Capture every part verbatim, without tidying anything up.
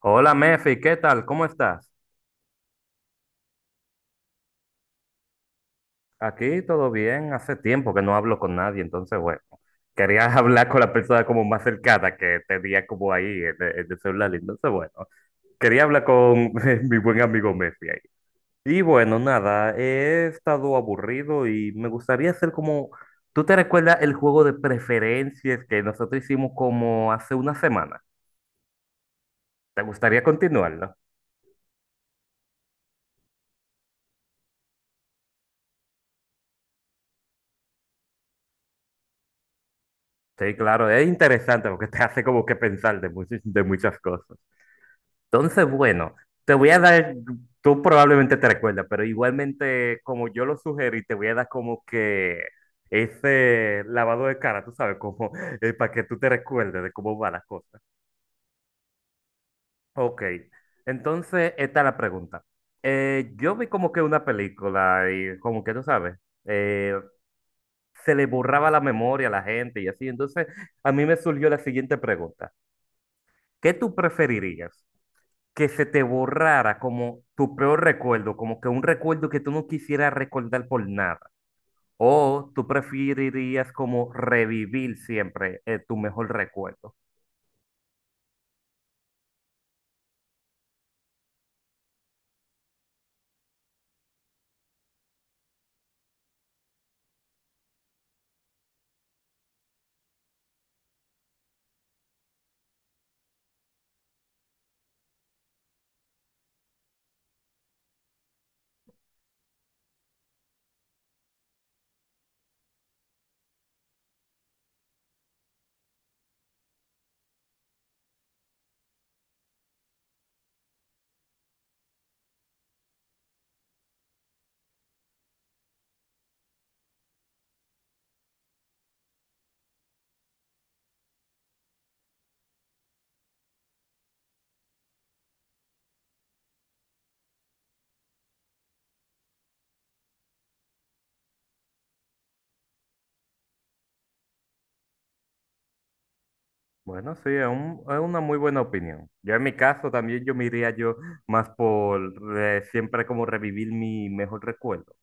Hola Mefi, ¿qué tal? ¿Cómo estás? Aquí todo bien, hace tiempo que no hablo con nadie, entonces bueno, quería hablar con la persona como más cercana que tenía como ahí en, en el celular, entonces bueno, quería hablar con mi buen amigo Mefi ahí. Y bueno, nada, he estado aburrido y me gustaría hacer como, ¿tú te recuerdas el juego de preferencias que nosotros hicimos como hace una semana? ¿Te gustaría continuarlo? Sí, claro, es interesante porque te hace como que pensar de muchas, de muchas cosas. Entonces, bueno, te voy a dar, tú probablemente te recuerdas, pero igualmente como yo lo sugerí, te voy a dar como que ese lavado de cara, tú sabes, como eh, para que tú te recuerdes de cómo van las cosas. Ok, entonces esta es la pregunta. Eh, yo vi como que una película y como que tú sabes, eh, se le borraba la memoria a la gente y así, entonces a mí me surgió la siguiente pregunta. ¿Qué tú preferirías? Que se te borrara como tu peor recuerdo, como que un recuerdo que tú no quisieras recordar por nada. O tú preferirías como revivir siempre eh, tu mejor recuerdo. Bueno, sí, es, un- es una muy buena opinión. Yo en mi caso también yo me iría yo más por eh, siempre como revivir mi mejor recuerdo.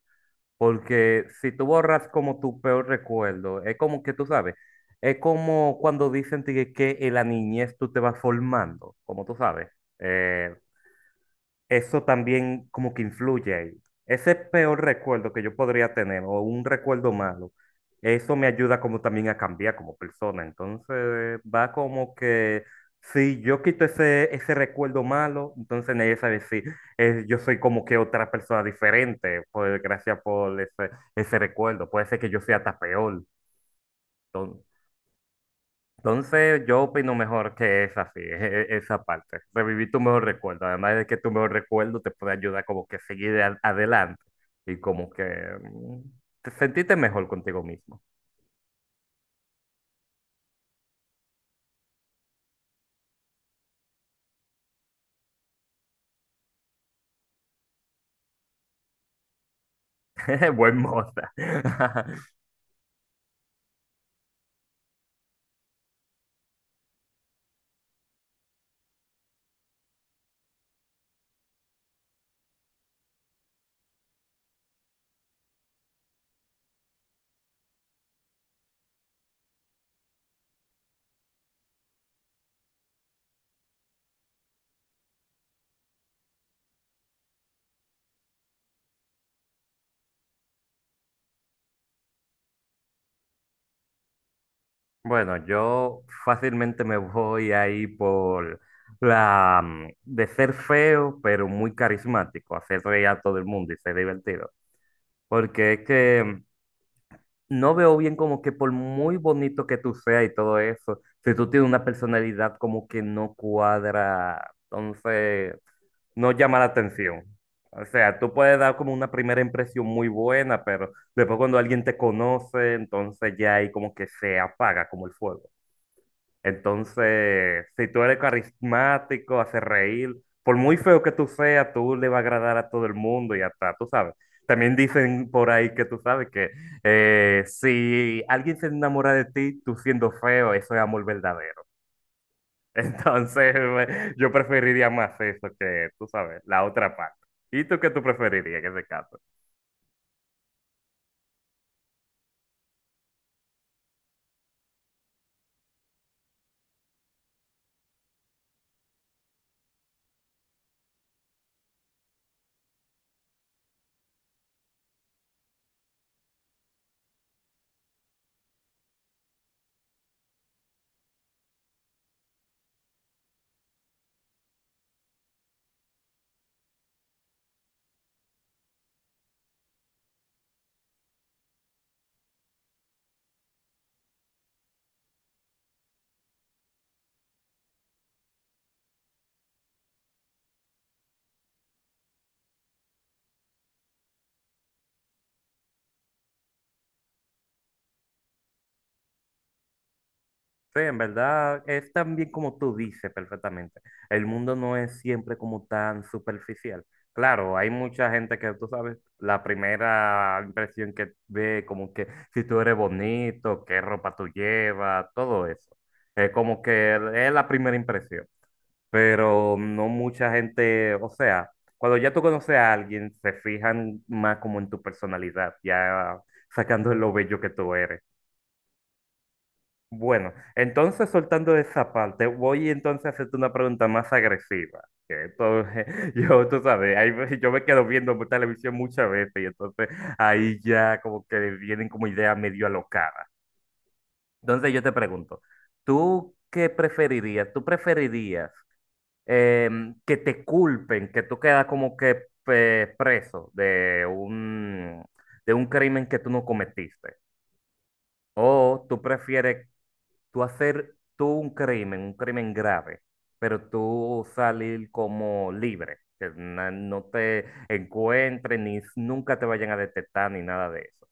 Porque si tú borras como tu peor recuerdo, es como que tú sabes, es como cuando dicen tigre, que en la niñez tú te vas formando, como tú sabes. Eh, Eso también como que influye ahí. Ese peor recuerdo que yo podría tener o un recuerdo malo, eso me ayuda como también a cambiar como persona. Entonces va como que si yo quito ese, ese recuerdo malo, entonces nadie sabe si eh, yo soy como que otra persona diferente, pues gracias por ese, ese recuerdo. Puede ser que yo sea hasta peor. Entonces, entonces, yo opino mejor que es así, e- e- esa parte. Revivir tu mejor recuerdo. Además de que tu mejor recuerdo te puede ayudar como que a seguir a- adelante y como que mm, te sentirte mejor contigo mismo. Buen moza. Bueno, yo fácilmente me voy ahí por la mm, de ser feo, pero muy carismático, hacer reír a todo el mundo y ser divertido. Porque es que no veo bien como que por muy bonito que tú seas y todo eso, si tú tienes una personalidad como que no cuadra, entonces no llama la atención. O sea, tú puedes dar como una primera impresión muy buena, pero después cuando alguien te conoce, entonces ya ahí como que se apaga como el fuego. Entonces, si tú eres carismático, haces reír, por muy feo que tú seas, tú le va a agradar a todo el mundo y hasta, tú sabes. También dicen por ahí que tú sabes que eh, si alguien se enamora de ti, tú siendo feo, eso es amor verdadero. Entonces, eh, yo preferiría más eso que, tú sabes, la otra parte. ¿Y tú qué tú preferirías en ese caso? Sí, en verdad es también como tú dices perfectamente. El mundo no es siempre como tan superficial. Claro, hay mucha gente que tú sabes, la primera impresión que ve, como que si tú eres bonito, qué ropa tú llevas, todo eso. Es como que es la primera impresión. Pero no mucha gente, o sea, cuando ya tú conoces a alguien, se fijan más como en tu personalidad, ya sacando lo bello que tú eres. Bueno, entonces soltando esa parte, voy entonces a hacerte una pregunta más agresiva. Que esto, yo, tú sabes, ahí ve- yo me quedo viendo mu- televisión muchas veces y entonces ahí ya como que vienen como ideas medio alocadas. Entonces yo te pregunto, ¿tú qué preferirías? ¿Tú preferirías em, que te culpen, que tú quedas como que eh, preso de un, de un crimen que tú no cometiste? O tú prefieres tú hacer tú un crimen, un crimen grave, pero tú salir como libre, que na- no te encuentren ni s- nunca te vayan a detectar ni nada de eso.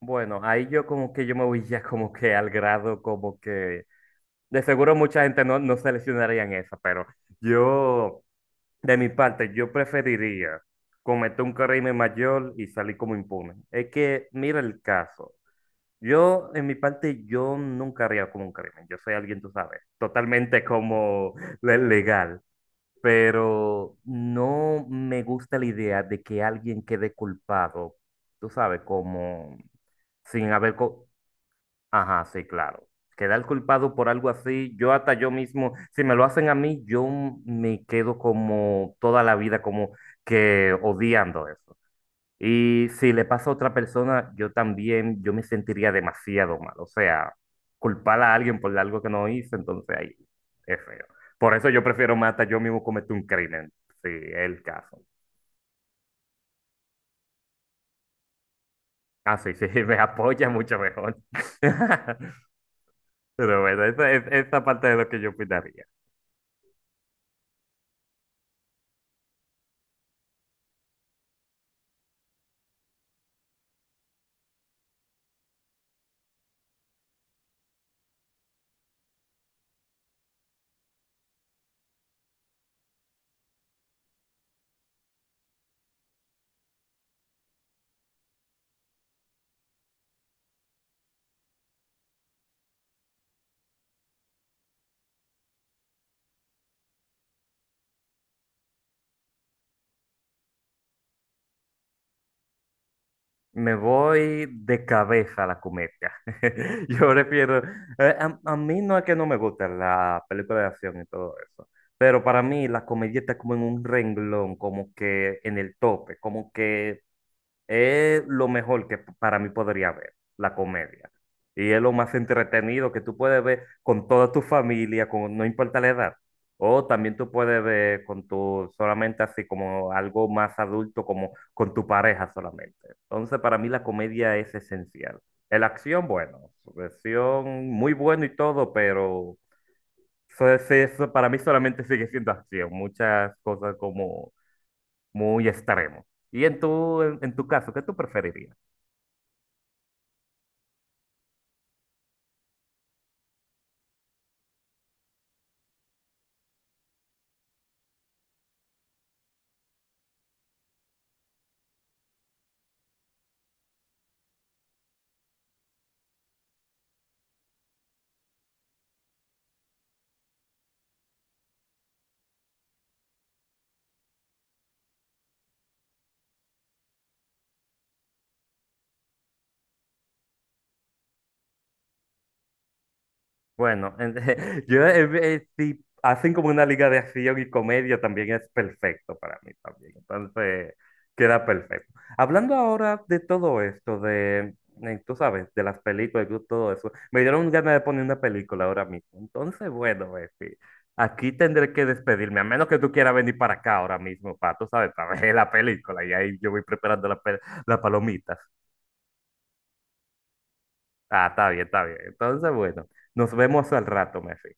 Bueno, ahí yo como que yo me voy ya como que al grado como que de seguro mucha gente no, no seleccionaría en esa, pero yo de mi parte yo preferiría cometer un crimen mayor y salir como impune. Es que mira el caso. Yo, en mi parte, yo nunca haría como un crimen. Yo soy alguien, tú sabes, totalmente como le- legal. Pero no me gusta la idea de que alguien quede culpado, tú sabes, como sin haber... co- Ajá, sí, claro. Quedar culpado por algo así, yo hasta yo mismo, si me lo hacen a mí, yo me quedo como toda la vida como que odiando eso. Y si le pasa a otra persona, yo también, yo me sentiría demasiado mal. O sea, culpar a alguien por algo que no hice, entonces ahí es feo. Por eso yo prefiero más hasta yo mismo cometer un crimen, si es el caso. Ah, sí, sí, me apoya mucho mejor. Pero bueno, esa, es- esa parte de lo que yo opinaría. Me voy de cabeza a la comedia. Yo prefiero. eh, A, a mí no es que no me guste la película de acción y todo eso. Pero para mí la comedia está como en un renglón, como que en el tope, como que es lo mejor que para mí podría ver, la comedia. Y es lo más entretenido que tú puedes ver con toda tu familia, con, no importa la edad. O también tú puedes ver con tu, solamente así como algo más adulto, como con tu pareja solamente. Entonces, para mí la comedia es esencial. La acción, bueno, acción muy bueno y todo, pero eso, es- eso para mí solamente sigue siendo acción. Muchas cosas como muy extremo. Y en tu, en, en tu caso, ¿qué tú preferirías? Bueno, en- yo eh, eh, si hacen como una liga de acción y comedia también es perfecto para mí también. Entonces, queda perfecto. Hablando ahora de todo esto, de, eh, tú sabes, de las películas y todo eso, me dieron ganas de poner una película ahora mismo. Entonces, bueno, Befi, aquí tendré que despedirme, a menos que tú quieras venir para acá ahora mismo, para, tú sabes, para ver la película. Y ahí yo voy preparando la pe- las palomitas. Ah, está bien, está bien. Entonces, bueno, nos vemos al rato, Messi.